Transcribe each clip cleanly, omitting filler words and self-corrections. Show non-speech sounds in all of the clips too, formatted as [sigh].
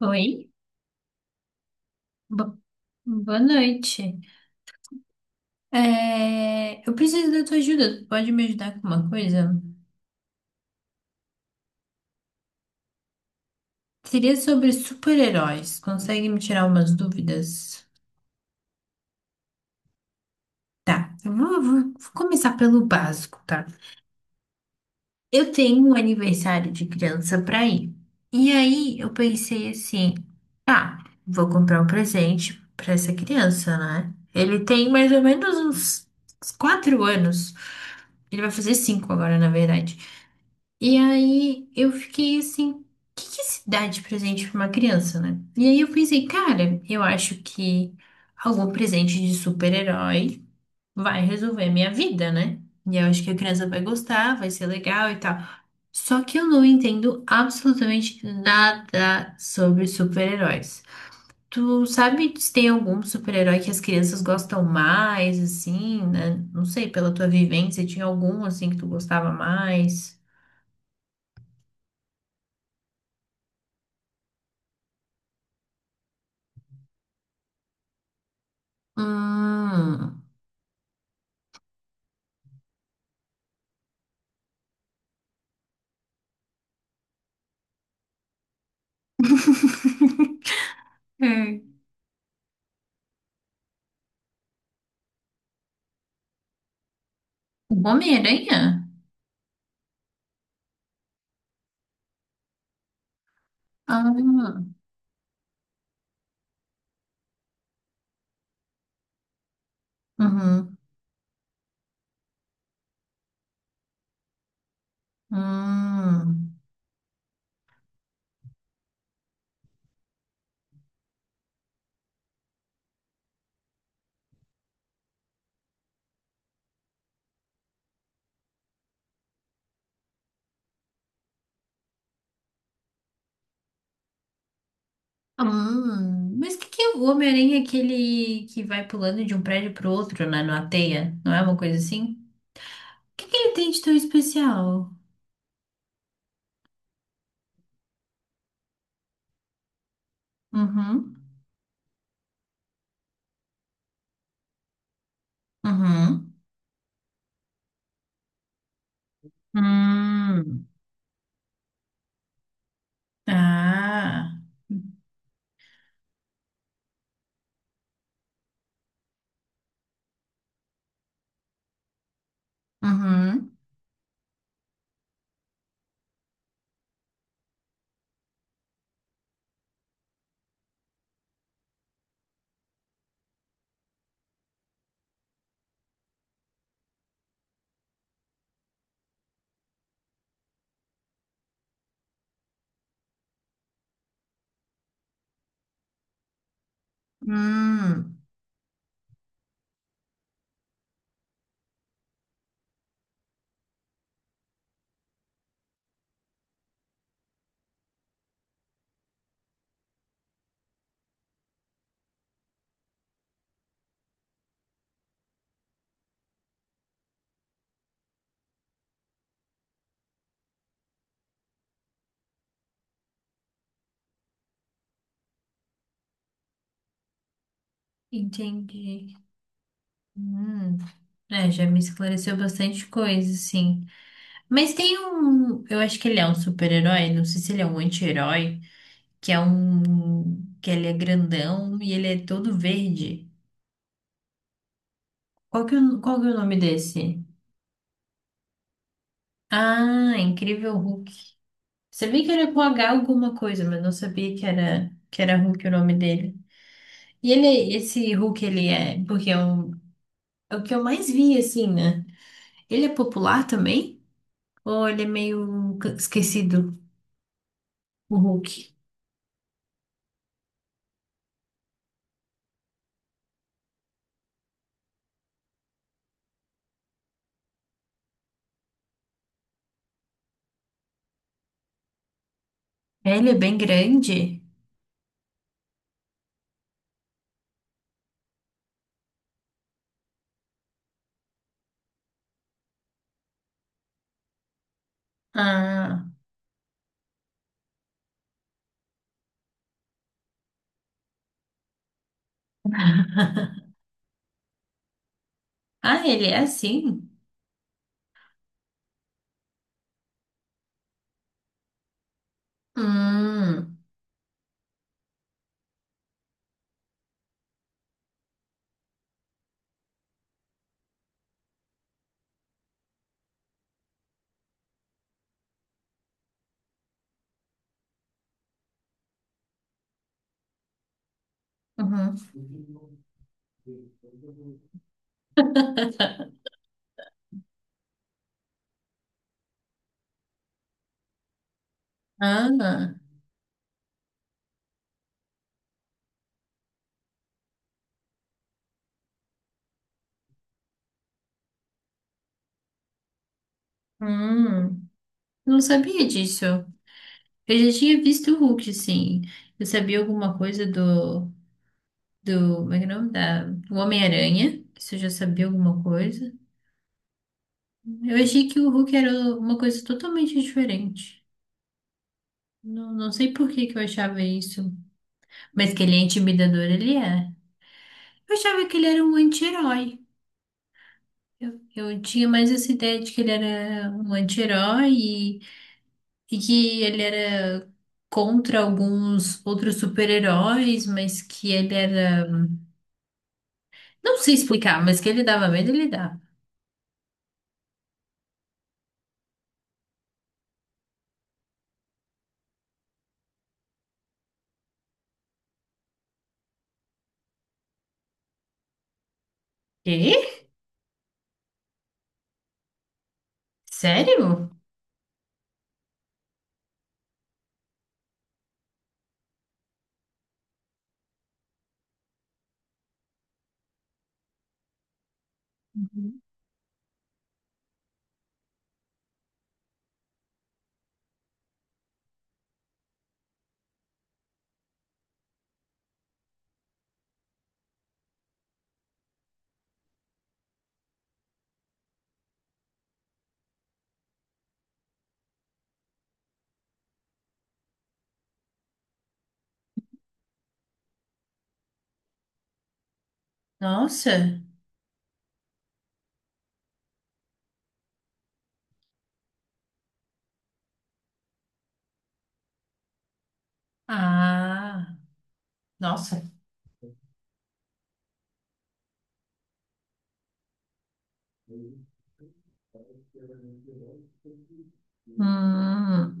Oi, bo- boa noite. É, eu preciso da tua ajuda. Tu pode me ajudar com uma coisa? Seria sobre super-heróis. Consegue me tirar umas dúvidas? Tá, eu vou começar pelo básico, tá? Eu tenho um aniversário de criança pra ir. E aí eu pensei assim: tá, vou comprar um presente pra essa criança, né? Ele tem mais ou menos uns quatro anos. Ele vai fazer cinco agora, na verdade. E aí eu fiquei assim, o que se dá de presente pra uma criança, né? E aí eu pensei, cara, eu acho que algum presente de super-herói vai resolver minha vida, né? E eu acho que a criança vai gostar, vai ser legal e tal. Só que eu não entendo absolutamente nada sobre super-heróis. Tu sabe se tem algum super-herói que as crianças gostam mais, assim, né? Não sei, pela tua vivência, tinha algum assim que tu gostava mais? Hum. [laughs] É. O Homem-Aranha? Ah, uhum. Hum. Hum. Mas o que que é o Homem-Aranha, aquele que vai pulando de um prédio pro outro, né? Numa teia? Não é uma coisa assim? O que que ele tem de tão especial? Uhum. Uhum. Hum. Ah. Uhum. Hum. Entendi. Hum. É, já me esclareceu bastante coisa, sim. Mas tem um, eu acho que ele é um super-herói, não sei se ele é um anti-herói, que é um, que ele é grandão e ele é todo verde. Qual que é o nome desse? Ah, Incrível Hulk. Sabia que era com H alguma coisa, mas não sabia que era Hulk o nome dele. E ele, esse Hulk, ele é. Porque é, um, é o que eu mais vi, assim, né? Ele é popular também? Ou ele é meio esquecido, o Hulk? É, ele é bem grande? Ah. Ah, ele é assim? Hum. Uhum. Ah, hum. Não sabia disso. Eu já tinha visto o Hulk, sim. Eu sabia alguma coisa do. Do. Como é que é o nome? Do Homem-Aranha. Isso eu já sabia alguma coisa. Eu achei que o Hulk era uma coisa totalmente diferente. Não, não sei por que que eu achava isso. Mas que ele é intimidador, ele é. Eu achava que ele era um anti-herói. Eu tinha mais essa ideia de que ele era um anti-herói e que ele era contra alguns outros super-heróis, mas que ele era. Não sei explicar, mas que ele dava medo, ele dava. Quê? Sério? Uhum. Nossa. Ah, nossa. Hum.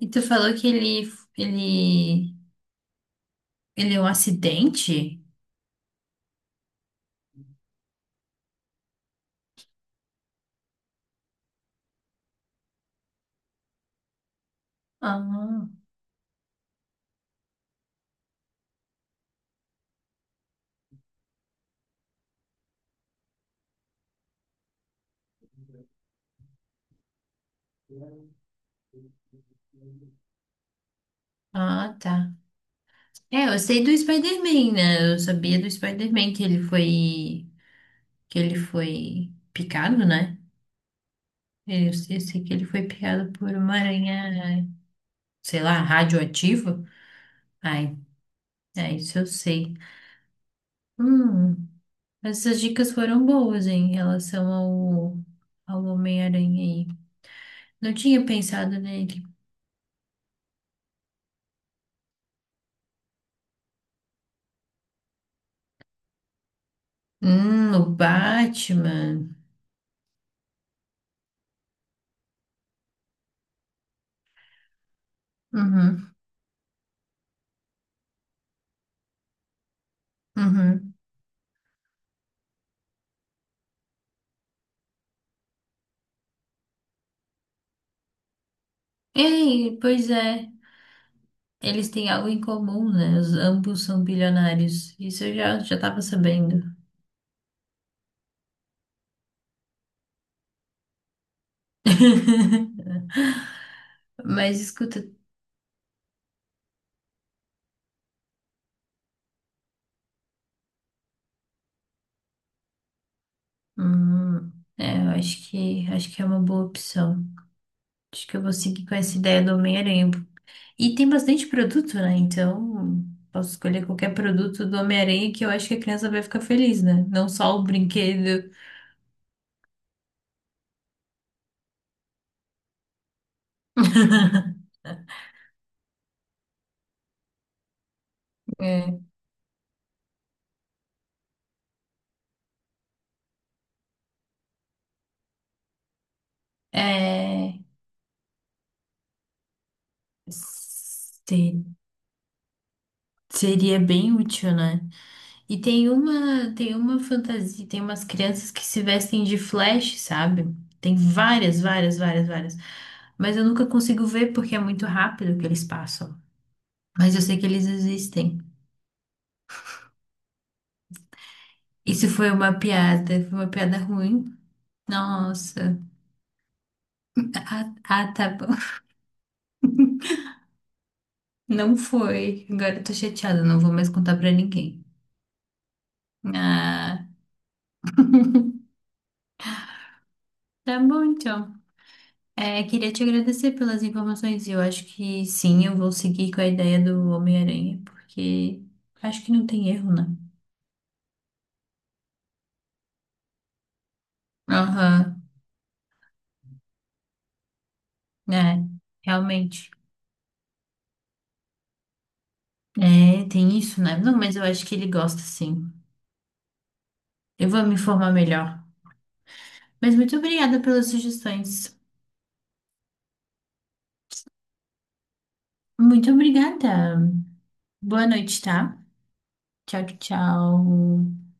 E tu falou que ele, ele é um acidente? Ah, ah, tá. É, eu sei do Spider-Man, né? Eu sabia do Spider-Man que ele foi picado, né? É, eu, sei que ele foi picado por uma aranha, sei lá, radioativa. Ai, é isso eu sei. Hum, essas dicas foram boas em relação ao, ao Homem-Aranha aí. Não tinha pensado nele. O Batman. Uhum, uhum. Ei, pois é. Eles têm algo em comum, né? Os, ambos são bilionários. Isso eu já tava sabendo. [laughs] Mas escuta. Hum, é, eu acho que é uma boa opção. Acho que eu vou seguir com essa ideia do Homem-Aranha. E tem bastante produto, né? Então, posso escolher qualquer produto do Homem-Aranha que eu acho que a criança vai ficar feliz, né? Não só o brinquedo. [laughs] É. É, se- seria bem útil, né? E tem uma fantasia, tem umas crianças que se vestem de Flash, sabe? Tem várias. Mas eu nunca consigo ver porque é muito rápido que eles passam. Mas eu sei que eles existem. Isso foi uma piada ruim. Nossa. Ah, ah, tá bom. [laughs] Não foi. Agora eu tô chateada, não vou mais contar pra ninguém. Ah, tá bom então. É, queria te agradecer pelas informações. Eu acho que sim, eu vou seguir com a ideia do Homem-Aranha, porque acho que não tem erro, né? Aham, é. Realmente. É, tem isso, né? Não, mas eu acho que ele gosta sim. Eu vou me informar melhor. Mas muito obrigada pelas sugestões. Muito obrigada. Boa noite, tá? Tchau, tchau.